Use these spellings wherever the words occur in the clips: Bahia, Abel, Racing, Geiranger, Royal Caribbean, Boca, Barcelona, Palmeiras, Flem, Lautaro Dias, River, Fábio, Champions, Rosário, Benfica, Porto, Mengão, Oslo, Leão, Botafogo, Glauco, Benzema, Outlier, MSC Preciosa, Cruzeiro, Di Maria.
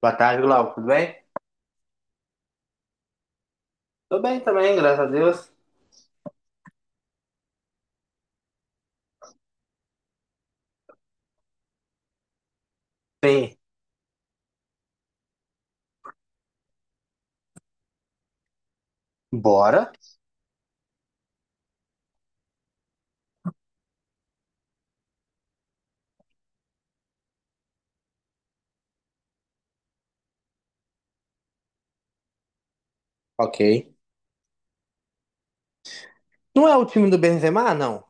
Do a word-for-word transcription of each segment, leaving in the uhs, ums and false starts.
Boa tarde, Glauco. Tudo bem? Tô bem também, graças a Deus. Sim, bora. Ok. Não é o time do Benzema, não?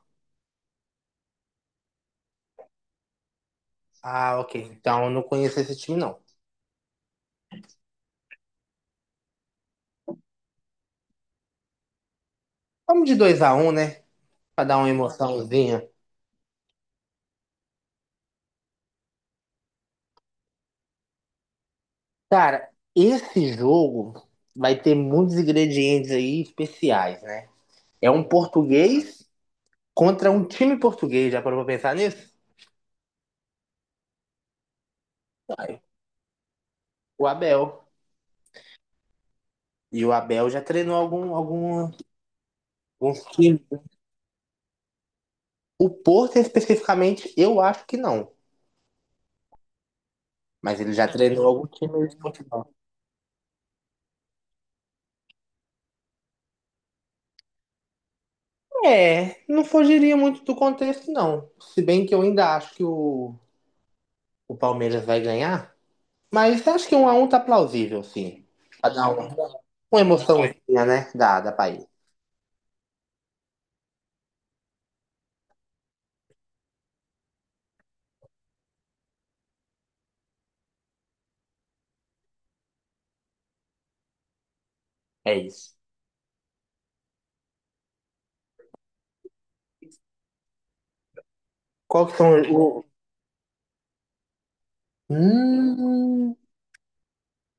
Ah, ok. Então eu não conheço esse time, não. Vamos de dois a um, né? Pra dar uma emoçãozinha. Cara, esse jogo vai ter muitos ingredientes aí especiais, né? É um português contra um time português. Já parou pra pensar nisso? Vai. O Abel. E o Abel já treinou algum, algum, alguns times. O Porto, especificamente, eu acho que não. Mas ele já treinou algum time de Portugal. É, não fugiria muito do contexto, não. Se bem que eu ainda acho que o, o Palmeiras vai ganhar. Mas acho que um a um tá plausível, sim. Pra dar uma, uma emoçãozinha, né? Da, da país. É isso. Qual que são o. Hum...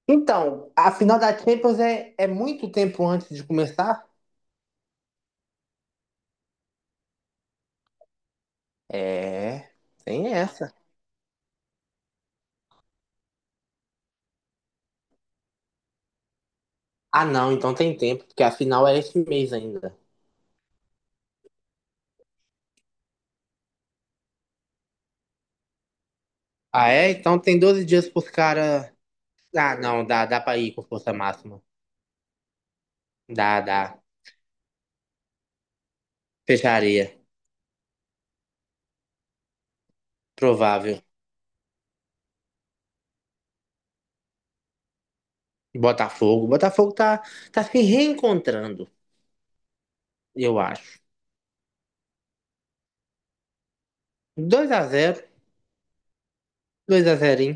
Então, a final da Champions é, é muito tempo antes de começar? É, tem essa. Ah, não, então tem tempo, porque a final é esse mês ainda. Ah, é? Então tem doze dias pros caras. Ah, não, dá, dá pra ir com força máxima. Dá, dá. Fecharia. Provável. Botafogo. Botafogo tá, tá se reencontrando, eu acho. Dois a zero, dois a zero, hein?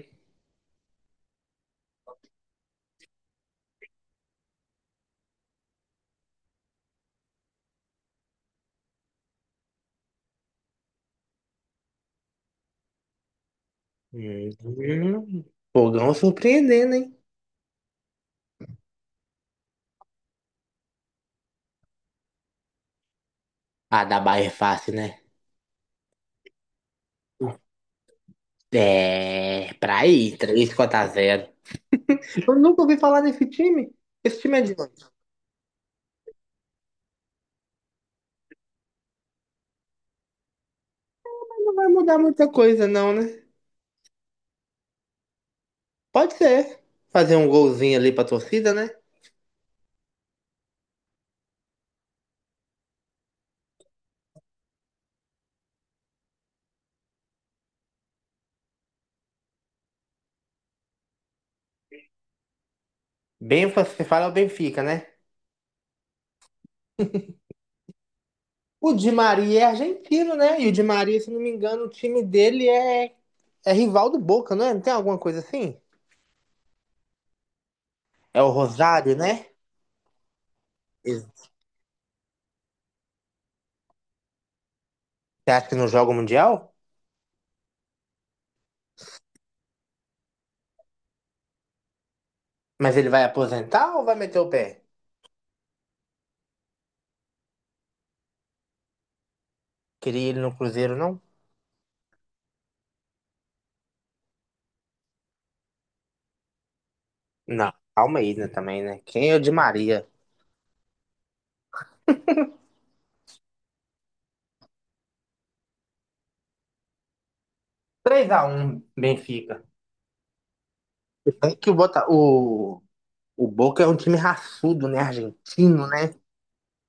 Hum, Fogão surpreendendo, hein? Ah, da Bahia é fácil, né? É, pra ir, três quatro a zero. Eu nunca ouvi falar nesse time. Esse time é de onde? Não vai mudar muita coisa, não, né? Pode ser. Fazer um golzinho ali pra torcida, né? Bem, você fala é o Benfica, né? O Di Maria é argentino, né? E o Di Maria, se não me engano, o time dele é, é rival do Boca, não é? Não tem alguma coisa assim? É o Rosário, né? E você acha que não joga o Mundial? Mas ele vai aposentar ou vai meter o pé? Queria ele no Cruzeiro, não? Não, calma aí, né, também, né? Quem é o Di Maria? Três a um. Benfica. É que o, Bota... o... o Boca é um time raçudo, né? Argentino, né?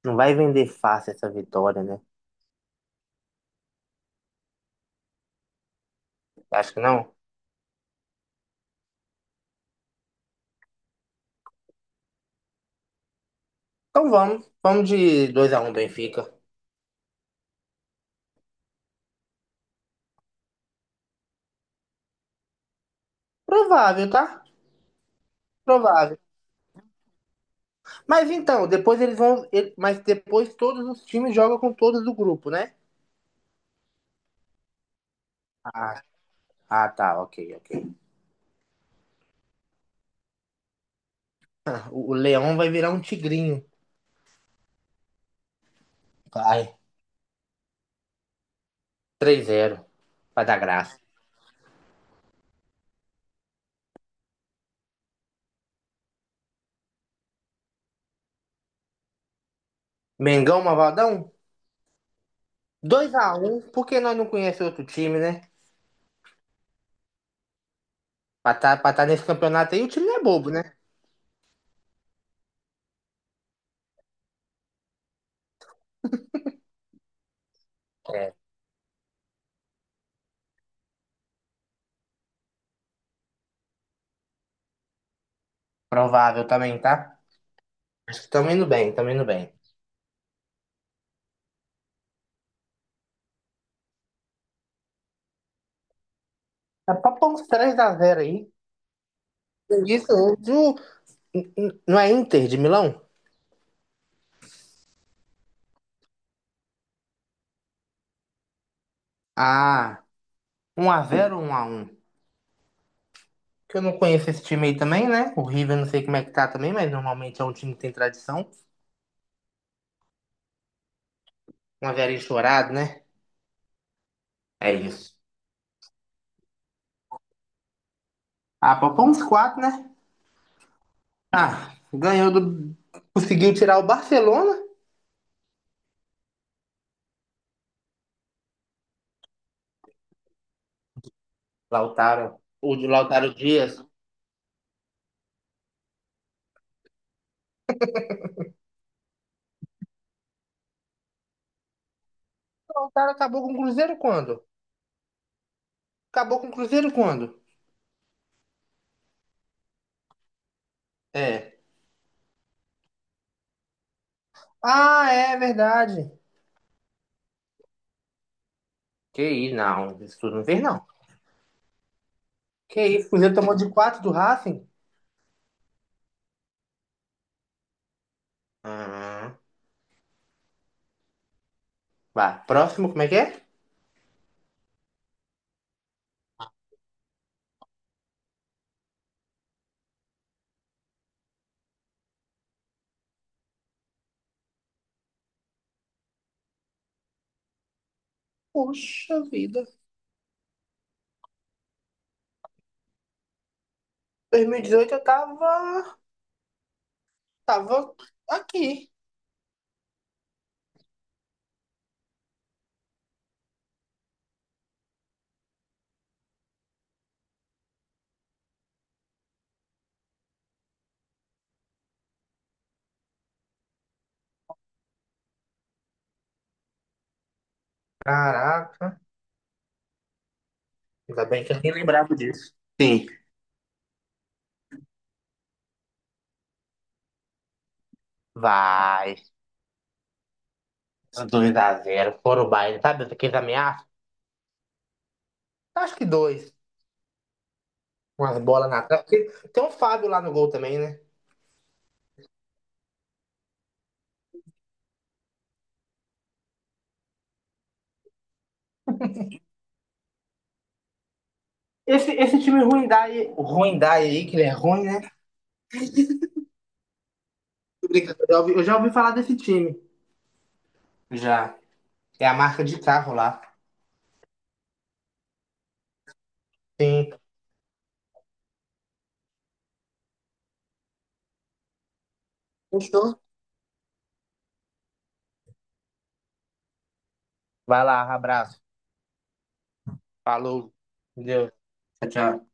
Não vai vender fácil essa vitória, né? Acho que não. Então vamos. Vamos de dois a um Benfica. Provável, tá? Provável. Mas então, depois eles vão. Ele- mas depois todos os times jogam com todos do grupo, né? Ah, ah tá, ok, ok. O, o Leão vai virar um tigrinho. Vai. Três a zero. Vai dar graça. Mengão, Mavaldão? Dois a um, porque nós não conhecemos outro time, né? Pra tá, pra tá nesse campeonato aí, o time não é bobo, né? É, provável também, tá? Acho que tamo indo bem, tamo indo bem. Tá pra pôr uns três a zero aí. Isso, hoje o- n- n- não é Inter de Milão? Ah, um a zero ou um a um? Que eu não conheço esse time aí também, né? O River não sei como é que tá também, mas normalmente é um time que tem tradição. Um a zero enchorado, né? É isso. Ah, poupou quatro, né? Ah, ganhou do. Conseguiu tirar o Barcelona. Lautaro. O de Lautaro Dias. O Lautaro acabou com o Cruzeiro quando? Acabou com o Cruzeiro quando? É. Ah, é verdade. Que isso, não. Isso tudo não fez, não. Que isso, o Cruzeiro tomou de quatro do Racing? Ah, vai. Próximo, como é que é? Poxa vida. dois mil e dezoito eu tava, tava aqui. Caraca, ainda bem que eu nem lembrava disso. Sim, vai. Dois a zero, foram o baile, sabe? Aqueles ameaças? Acho que dois. Umas bolas na trave. Porque tem um Fábio lá no gol também, né? Esse, esse time ruim Dai, ruim Dai aí, que ele é ruim, né? Tô brincando. Eu já, ouvi, eu já ouvi falar desse time. Já. É a marca de carro lá. Sim. Fechou? Vai lá, abraço. Falou. Deus. Tchau, tchau.